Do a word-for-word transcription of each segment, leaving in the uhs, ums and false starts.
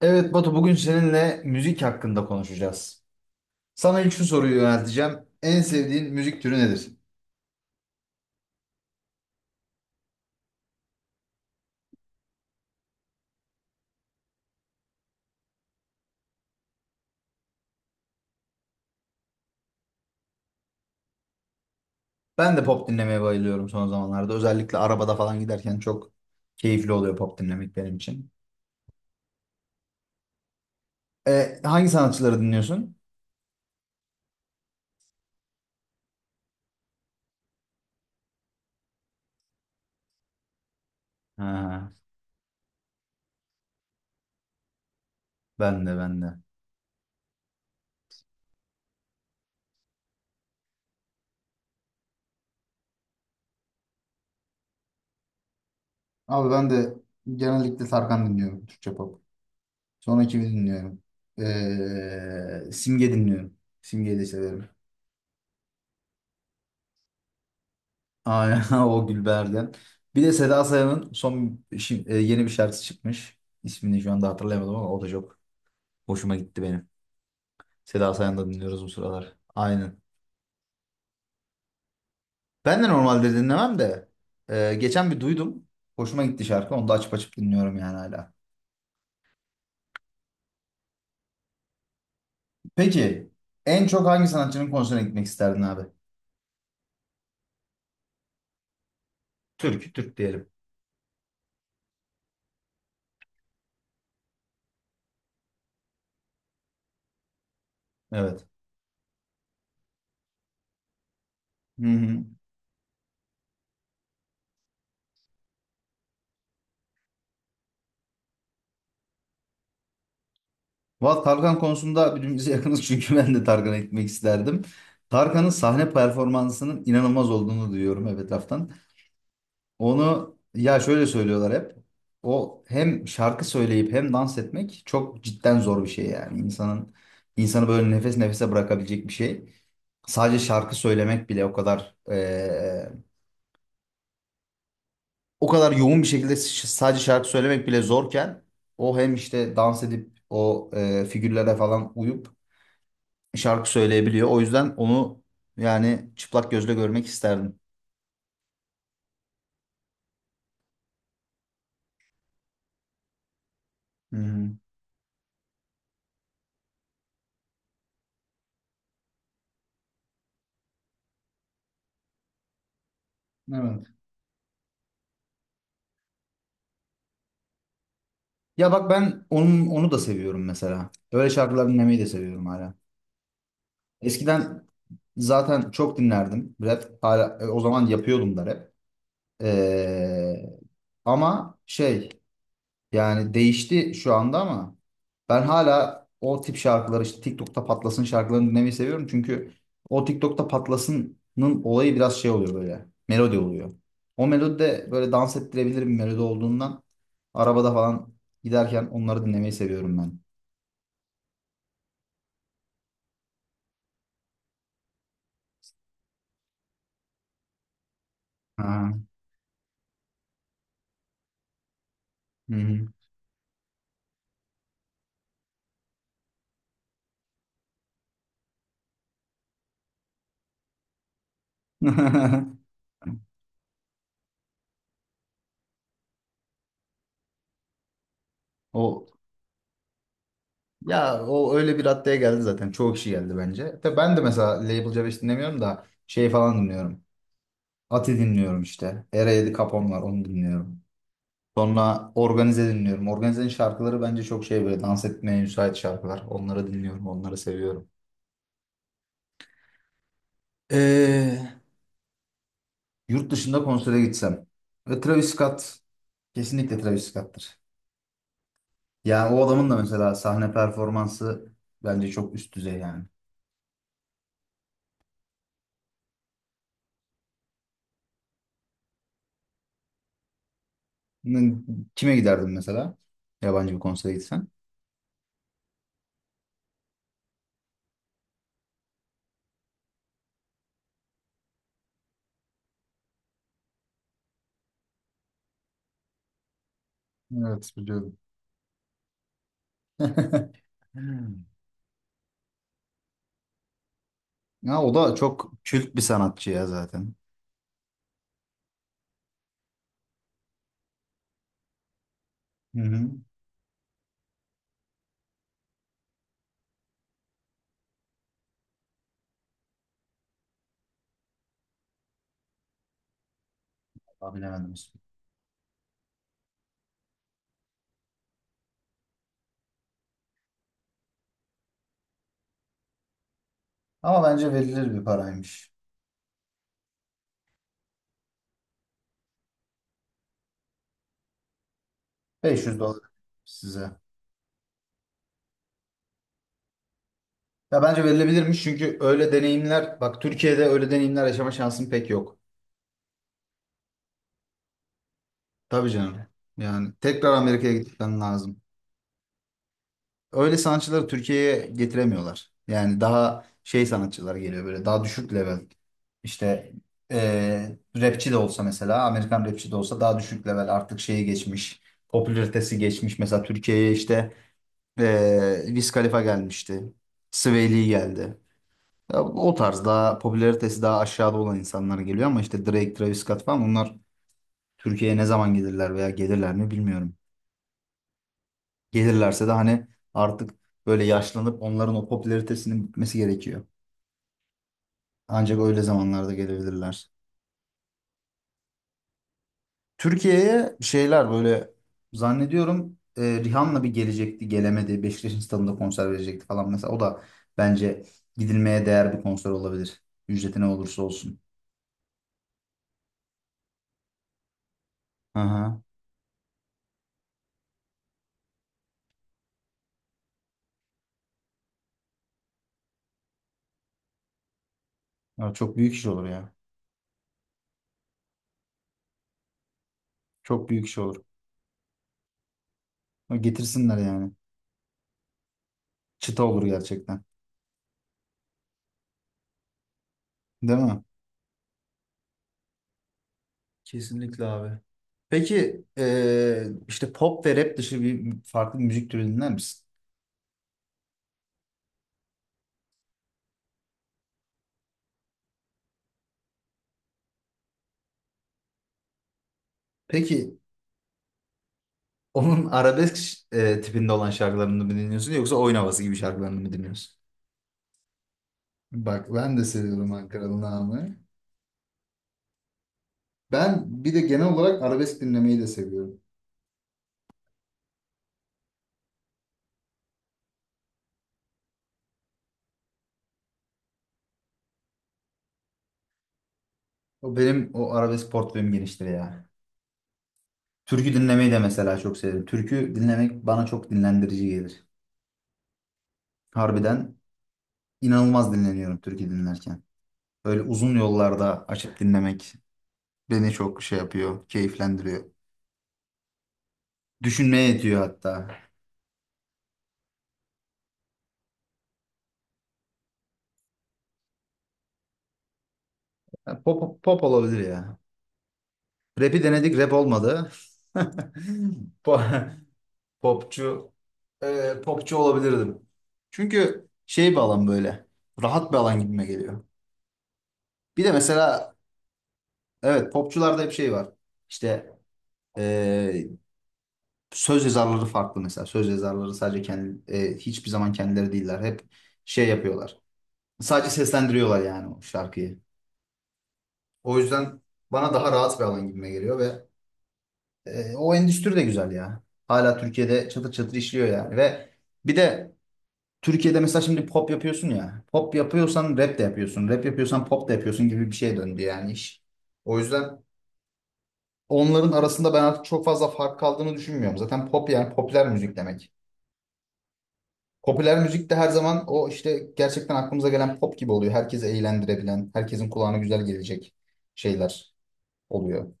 Evet Batu bugün seninle müzik hakkında konuşacağız. Sana ilk şu soruyu yönelteceğim. En sevdiğin müzik türü nedir? Ben de pop dinlemeye bayılıyorum son zamanlarda. Özellikle arabada falan giderken çok keyifli oluyor pop dinlemek benim için. E, hangi sanatçıları dinliyorsun? Ha, ben de ben de. Abi ben de genellikle Tarkan dinliyorum Türkçe pop. Sonra kimi dinliyorum? Ee, Simge dinliyorum. Simge'yi de severim. Aynen o Gülbergen. Bir de Seda Sayan'ın son şi- e, yeni bir şarkısı çıkmış. İsmini şu anda hatırlayamadım ama o da çok hoşuma gitti benim. Seda Sayan'ı da dinliyoruz bu sıralar. Aynen. Ben de normalde dinlemem de e, geçen bir duydum. Hoşuma gitti şarkı. Onu da açıp açıp dinliyorum yani hala. Peki en çok hangi sanatçının konserine gitmek isterdin abi? Türk, Türk diyelim. Evet. Hı hı. Valla Tarkan konusunda birbirimize yakınız çünkü ben de Tarkan'a gitmek isterdim. Tarkan'ın sahne performansının inanılmaz olduğunu duyuyorum hep etraftan. Onu ya şöyle söylüyorlar hep. O hem şarkı söyleyip hem dans etmek çok cidden zor bir şey yani. İnsanın insanı böyle nefes nefese bırakabilecek bir şey. Sadece şarkı söylemek bile o kadar eee, o kadar yoğun bir şekilde ş- sadece şarkı söylemek bile zorken o hem işte dans edip o eee, figürlere falan uyup şarkı söyleyebiliyor. O yüzden onu yani çıplak gözle görmek isterdim. Hı hı. Evet. Ya bak ben onun, onu da seviyorum mesela. Böyle şarkılar dinlemeyi de seviyorum hala. Eskiden zaten çok dinlerdim rap. Hala, e, o zaman yapıyordum da rap. Ee, ama şey, yani değişti şu anda ama ben hala o tip şarkıları işte TikTok'ta patlasın şarkılarını dinlemeyi seviyorum. Çünkü o TikTok'ta patlasının olayı biraz şey oluyor böyle. Melodi oluyor. O melodi de böyle dans ettirebilir bir melodi olduğundan arabada falan giderken onları dinlemeyi seviyorum ben. Ha. Hı hı. O ya o öyle bir raddeye geldi zaten. Çoğu kişi geldi bence. Tabii ben de mesela Label C beş dinlemiyorum da şey falan dinliyorum. Ati dinliyorum işte. Era yedi Capone var, onu dinliyorum. Sonra Organize dinliyorum. Organize'nin şarkıları bence çok şey, böyle dans etmeye müsait şarkılar. Onları dinliyorum, onları seviyorum. Ee, yurt dışında konsere gitsem. Ve Travis Scott, kesinlikle Travis Scott'tır. Yani o adamın da mesela sahne performansı bence çok üst düzey yani. N- Kime giderdin mesela? Yabancı bir konsere gitsen. Evet biliyorum. Ya o da çok kült bir sanatçı ya zaten. Hı hı. Vallahi bilemedim ismini. Ama bence verilir bir paraymış. beş yüz dolar size. Ya bence verilebilirmiş çünkü öyle deneyimler, bak, Türkiye'de öyle deneyimler yaşama şansın pek yok. Tabii canım. Yani tekrar Amerika'ya gitmen lazım. Öyle sanatçıları Türkiye'ye getiremiyorlar. Yani daha şey sanatçılar geliyor, böyle daha düşük level. İşte eee rapçi de olsa, mesela Amerikan rapçi de olsa, daha düşük level artık şeye geçmiş. Popülaritesi geçmiş. Mesela Türkiye'ye işte eee Wiz Khalifa gelmişti. Sway Lee geldi. Ya o tarz, daha popülaritesi daha aşağıda olan insanlar geliyor ama işte Drake, Travis Scott falan, onlar Türkiye'ye ne zaman gelirler veya gelirler mi bilmiyorum. Gelirlerse de hani artık böyle yaşlanıp onların o popülaritesinin bitmesi gerekiyor. Ancak öyle zamanlarda gelebilirler. Türkiye'ye şeyler böyle zannediyorum, e, Rihanna bir gelecekti, gelemedi. Beşiktaş'ın stadında konser verecekti falan mesela. O da bence gidilmeye değer bir konser olabilir. Ücreti ne olursa olsun. Hı hı. Ya, çok büyük iş olur ya. Çok büyük iş olur. Getirsinler yani. Çıta olur gerçekten. Değil mi? Kesinlikle abi. Peki eee, işte pop ve rap dışı bir farklı bir müzik türü dinler misin? Peki onun arabesk eee, tipinde olan şarkılarını mı dinliyorsun yoksa oyun havası gibi şarkılarını mı dinliyorsun? Bak ben de seviyorum Ankara'nın ağamı. Ben bir de genel olarak arabesk dinlemeyi de seviyorum. O benim o arabesk portföyüm geniştir ya. Türkü dinlemeyi de mesela çok severim. Türkü dinlemek bana çok dinlendirici gelir. Harbiden İnanılmaz dinleniyorum türkü dinlerken. Böyle uzun yollarda açıp dinlemek beni çok şey yapıyor, keyiflendiriyor. Düşünmeye yetiyor hatta. Ya, pop, pop olabilir ya. Rap'i denedik, rap olmadı. Po- Popçu, e, popçu olabilirdim. Çünkü şey bir alan böyle. Rahat bir alan gibime geliyor. Bir de mesela evet, popçularda hep şey var. İşte e, söz yazarları farklı mesela. Söz yazarları sadece kendi, e, hiçbir zaman kendileri değiller. Hep şey yapıyorlar. Sadece seslendiriyorlar yani o şarkıyı. O yüzden bana daha rahat bir alan gibime geliyor ve e, o endüstri de güzel ya. Hala Türkiye'de çatır çatır işliyor yani, ve bir de Türkiye'de mesela şimdi pop yapıyorsun ya. Pop yapıyorsan rap de yapıyorsun. Rap yapıyorsan pop da yapıyorsun gibi bir şeye döndü yani iş. O yüzden onların arasında ben artık çok fazla fark kaldığını düşünmüyorum. Zaten pop yani popüler müzik demek. Popüler müzik de her zaman o işte gerçekten aklımıza gelen pop gibi oluyor. Herkesi eğlendirebilen, herkesin kulağına güzel gelecek şeyler oluyor.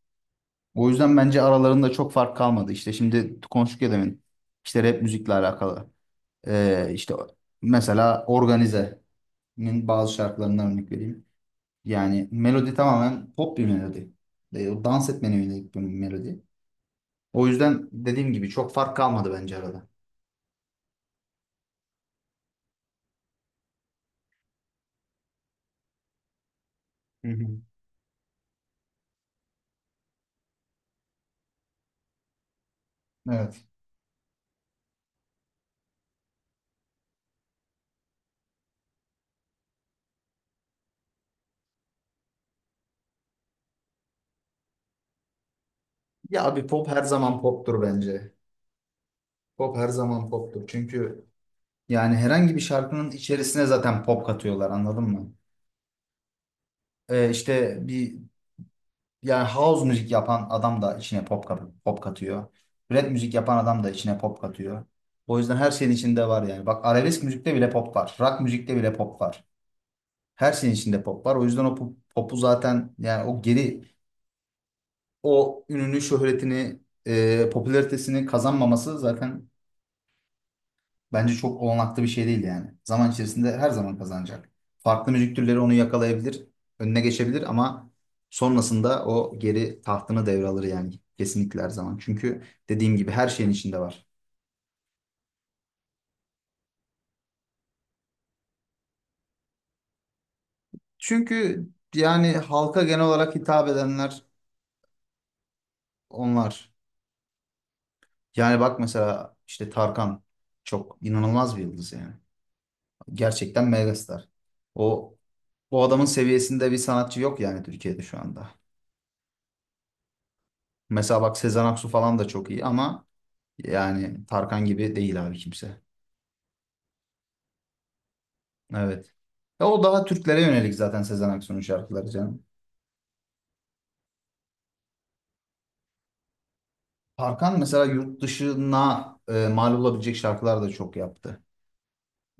O yüzden bence aralarında çok fark kalmadı. İşte şimdi konuştuk ya demin. İşte rap müzikle alakalı. Ee, işte mesela Organize'nin bazı şarkılarından örnek vereyim. Yani melodi tamamen pop bir melodi. Ee, o dans etmene yönelik bir melodi. O yüzden dediğim gibi çok fark kalmadı bence arada. Hı hı. Evet. Ya abi, pop her zaman poptur bence. Pop her zaman poptur. Çünkü yani herhangi bir şarkının içerisine zaten pop katıyorlar, anladın mı? Ee, işte bir, yani house müzik yapan adam da içine pop, kat- pop katıyor. Rap müzik yapan adam da içine pop katıyor. O yüzden her şeyin içinde var yani. Bak, arabesk müzikte bile pop var. Rock müzikte bile pop var. Her şeyin içinde pop var. O yüzden o pop- popu zaten yani, o geri o ününü, şöhretini, e, popülaritesini kazanmaması zaten bence çok olanaklı bir şey değil yani. Zaman içerisinde her zaman kazanacak. Farklı müzik türleri onu yakalayabilir, önüne geçebilir ama sonrasında o geri tahtını devralır yani, kesinlikle her zaman. Çünkü dediğim gibi her şeyin içinde var. Çünkü yani halka genel olarak hitap edenler onlar. Yani bak mesela işte Tarkan çok inanılmaz bir yıldız yani. Gerçekten megastar. O o adamın seviyesinde bir sanatçı yok yani Türkiye'de şu anda. Mesela bak, Sezen Aksu falan da çok iyi ama yani Tarkan gibi değil abi kimse. Evet. Ya o daha Türklere yönelik zaten Sezen Aksu'nun şarkıları canım. Tarkan mesela yurt dışına e, mal olabilecek şarkılar da çok yaptı.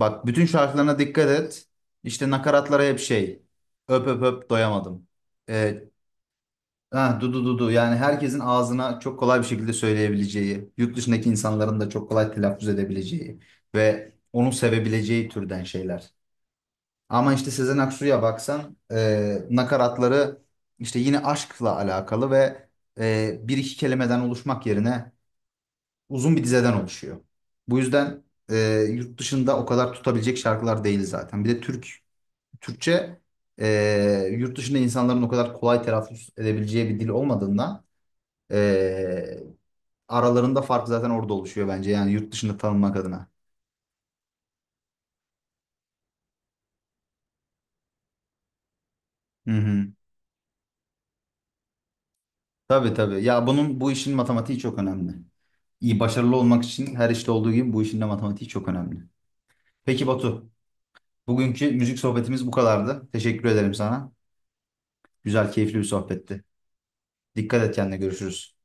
Bak bütün şarkılarına dikkat et. İşte nakaratlara hep şey. Öp öp öp doyamadım. E, ha, du du du du. Yani herkesin ağzına çok kolay bir şekilde söyleyebileceği, yurt dışındaki insanların da çok kolay telaffuz edebileceği ve onu sevebileceği türden şeyler. Ama işte Sezen Aksu'ya baksan, e, nakaratları işte yine aşkla alakalı ve e, bir iki kelimeden oluşmak yerine uzun bir dizeden oluşuyor. Bu yüzden e, yurt dışında o kadar tutabilecek şarkılar değil zaten. Bir de Türk Türkçe e, yurt dışında insanların o kadar kolay telaffuz edebileceği bir dil olmadığından e, aralarında fark zaten orada oluşuyor bence yani, yurt dışında tanınmak adına. Hı hı. Tabii tabii. Ya bunun bu işin matematiği çok önemli. İyi başarılı olmak için her işte olduğu gibi bu işin de matematiği çok önemli. Peki Batu, bugünkü müzik sohbetimiz bu kadardı. Teşekkür ederim sana. Güzel, keyifli bir sohbetti. Dikkat et kendine, görüşürüz.